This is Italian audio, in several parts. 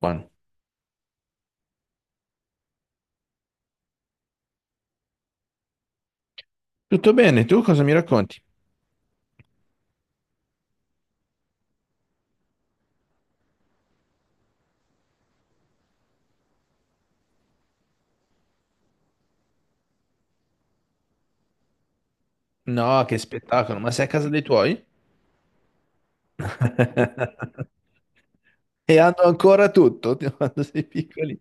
Buono. Tutto bene, tu cosa mi racconti? No, che spettacolo, ma sei a casa dei tuoi? E hanno ancora tutto, di quando sei piccoli.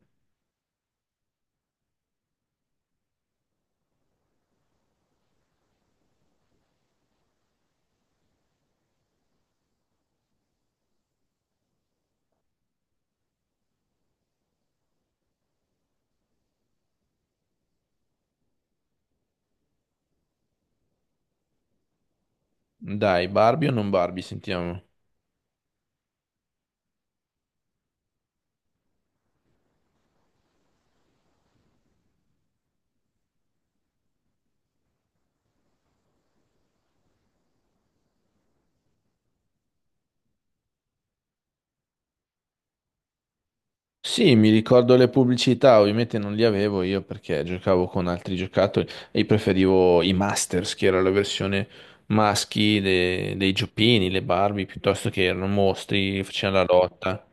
Dai, Barbie o non Barbie, sentiamo. Sì, mi ricordo le pubblicità, ovviamente non li avevo io perché giocavo con altri giocattoli e io preferivo i Masters, che era la versione maschi dei giochini, le Barbie, piuttosto che erano mostri, facevano la lotta.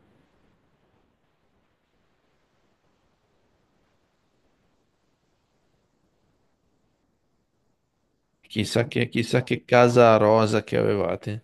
Chissà che casa rosa che avevate.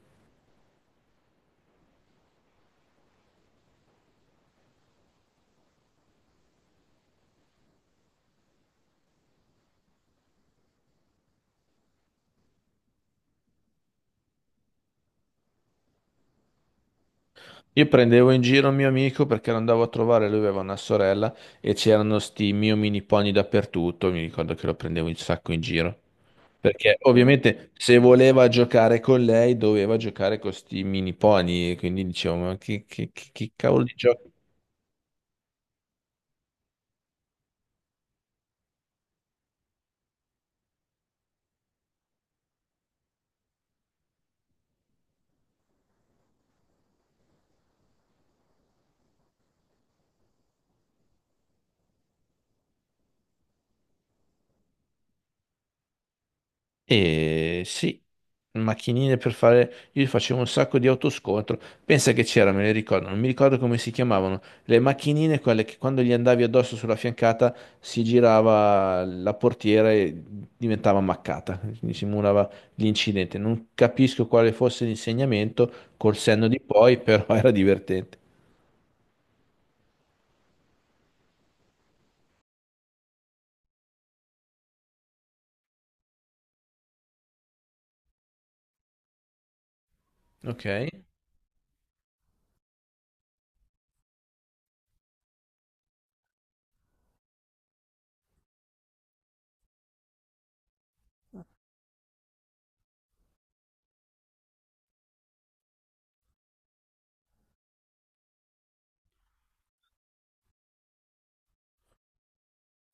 Io prendevo in giro un mio amico perché lo andavo a trovare, lui aveva una sorella e c'erano sti mio mini pony dappertutto, mi ricordo che lo prendevo un sacco in giro. Perché ovviamente se voleva giocare con lei doveva giocare con sti mini pony, e quindi dicevo, che cavolo di gioco? E sì, macchinine per fare... Io facevo un sacco di autoscontro. Pensa che c'era, me le ricordo, non mi ricordo come si chiamavano. Le macchinine, quelle che quando gli andavi addosso sulla fiancata si girava la portiera e diventava ammaccata. Quindi simulava l'incidente. Non capisco quale fosse l'insegnamento col senno di poi, però era divertente. Ok.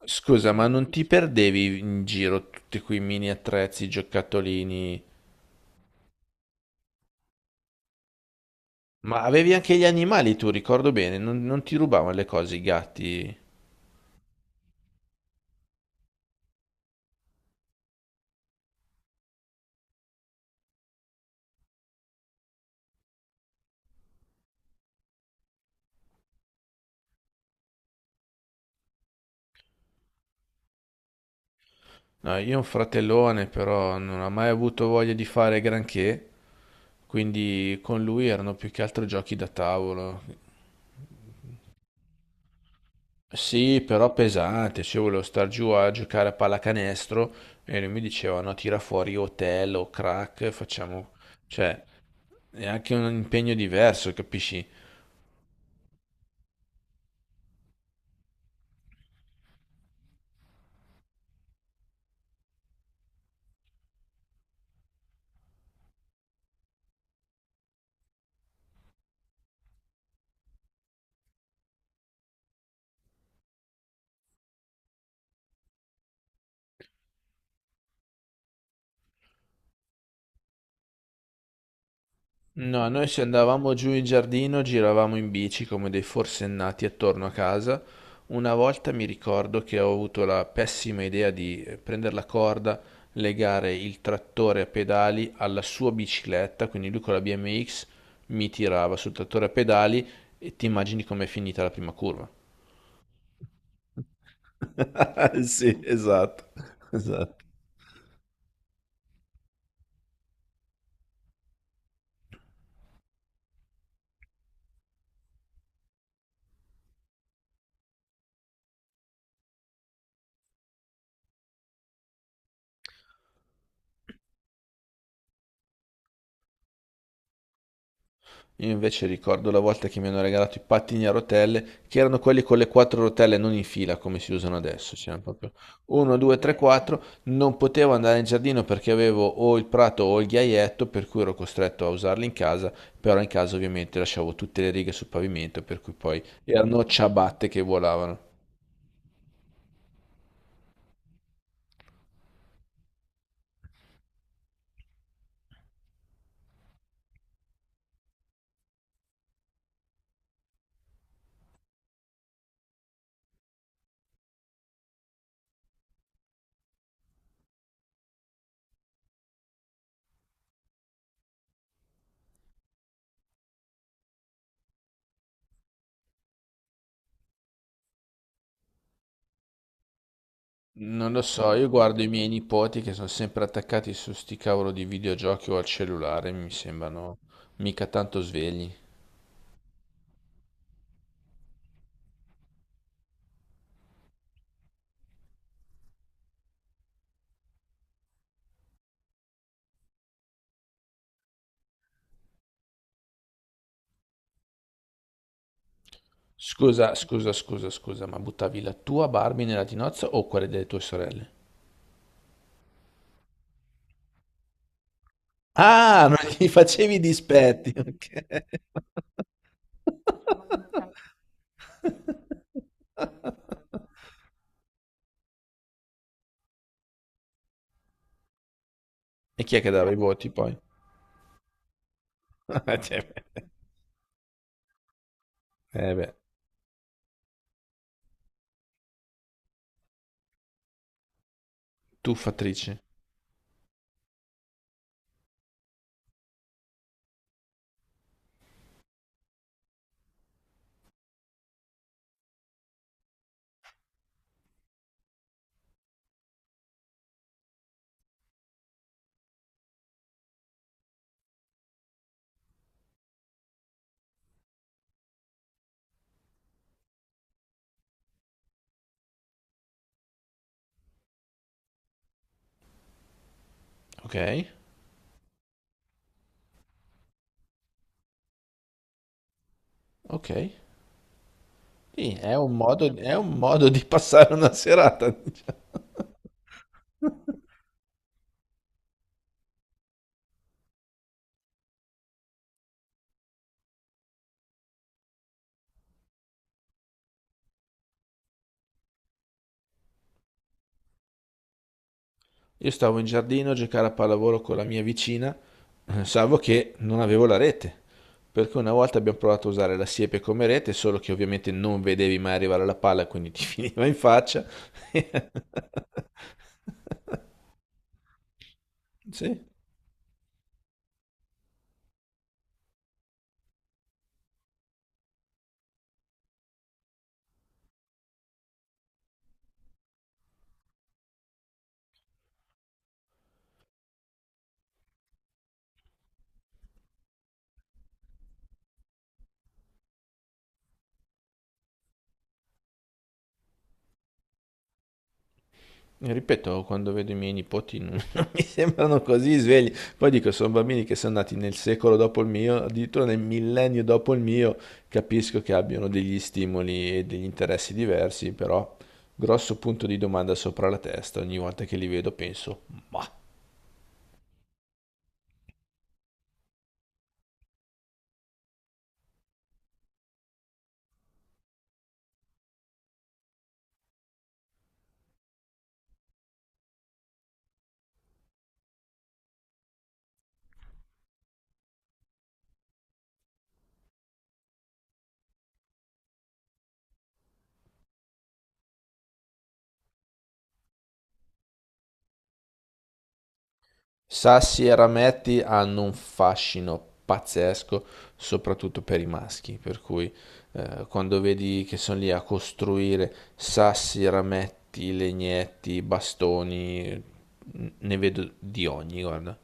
Scusa, ma non ti perdevi in giro tutti quei mini attrezzi, giocattolini? Ma avevi anche gli animali tu, ricordo bene, non, non ti rubavano le cose i gatti. No, io ho un fratellone, però non ha mai avuto voglia di fare granché, quindi con lui erano più che altro giochi da tavolo. Sì, però pesante, cioè io volevo star giù a giocare a pallacanestro e lui mi diceva no, tira fuori hotel o crack, facciamo... cioè è anche un impegno diverso, capisci? No, noi se andavamo giù in giardino giravamo in bici come dei forsennati attorno a casa. Una volta mi ricordo che ho avuto la pessima idea di prendere la corda, legare il trattore a pedali alla sua bicicletta, quindi lui con la BMX mi tirava sul trattore a pedali e ti immagini com'è finita la prima curva. Sì, esatto, esatto. Io invece ricordo la volta che mi hanno regalato i pattini a rotelle, che erano quelli con le quattro rotelle non in fila come si usano adesso, c'erano proprio 1, 2, 3, 4, non potevo andare in giardino perché avevo o il prato o il ghiaietto, per cui ero costretto a usarli in casa, però in casa ovviamente lasciavo tutte le righe sul pavimento, per cui poi erano ciabatte che volavano. Non lo so, io guardo i miei nipoti che sono sempre attaccati su sti cavolo di videogiochi o al cellulare, mi sembrano mica tanto svegli. Scusa, scusa, scusa, scusa, ma buttavi la tua Barbie nella tinozza o quella delle tue sorelle? Ah, non gli facevi dispetti, ok. E chi è che dava i voti poi? Cioè, eh beh, tuffatrice. Ok, ok. Sì, è un modo di passare una serata. Io stavo in giardino a giocare a pallavolo con la mia vicina, salvo che non avevo la rete. Per cui una volta abbiamo provato a usare la siepe come rete, solo che ovviamente non vedevi mai arrivare la palla, quindi ti finiva in faccia. Sì, ripeto, quando vedo i miei nipoti non, non mi sembrano così svegli. Poi dico, sono bambini che sono nati nel secolo dopo il mio, addirittura nel millennio dopo il mio, capisco che abbiano degli stimoli e degli interessi diversi, però grosso punto di domanda sopra la testa, ogni volta che li vedo penso, ma... Sassi e rametti hanno un fascino pazzesco, soprattutto per i maschi, per cui quando vedi che sono lì a costruire sassi, rametti, legnetti, bastoni, ne vedo di ogni, guarda.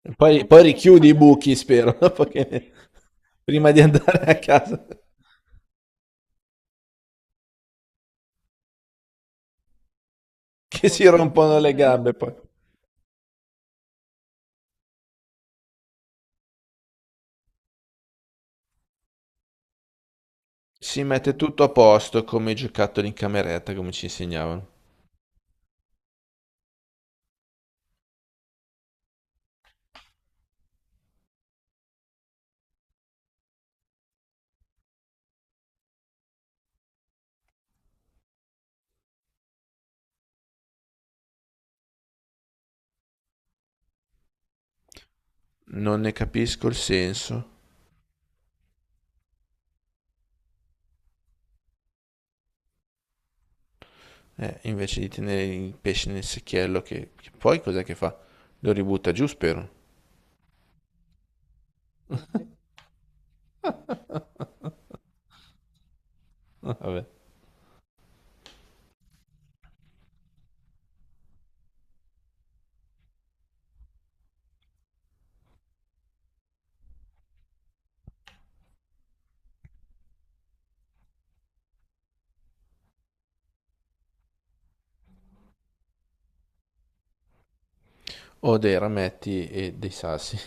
Poi, ma poi perché? Richiudi i, vabbè, buchi, spero, perché prima di andare a casa, che si rompono le, ok, gambe poi. Si mette tutto a posto come i giocattoli in cameretta, come ci insegnavano. Non ne capisco il senso. Invece di tenere il pesce nel secchiello, che poi cos'è che fa? Lo ributta giù, spero. Ah, vabbè. O dei rametti e dei sassi.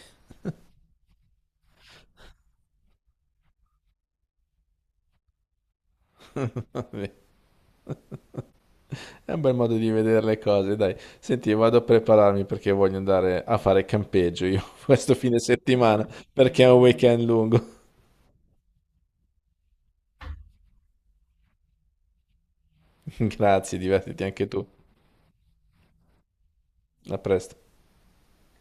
Vabbè. È un bel modo di vedere le cose, dai. Senti, vado a prepararmi perché voglio andare a fare campeggio io questo fine settimana, perché è un weekend lungo. Grazie, divertiti anche tu. A presto.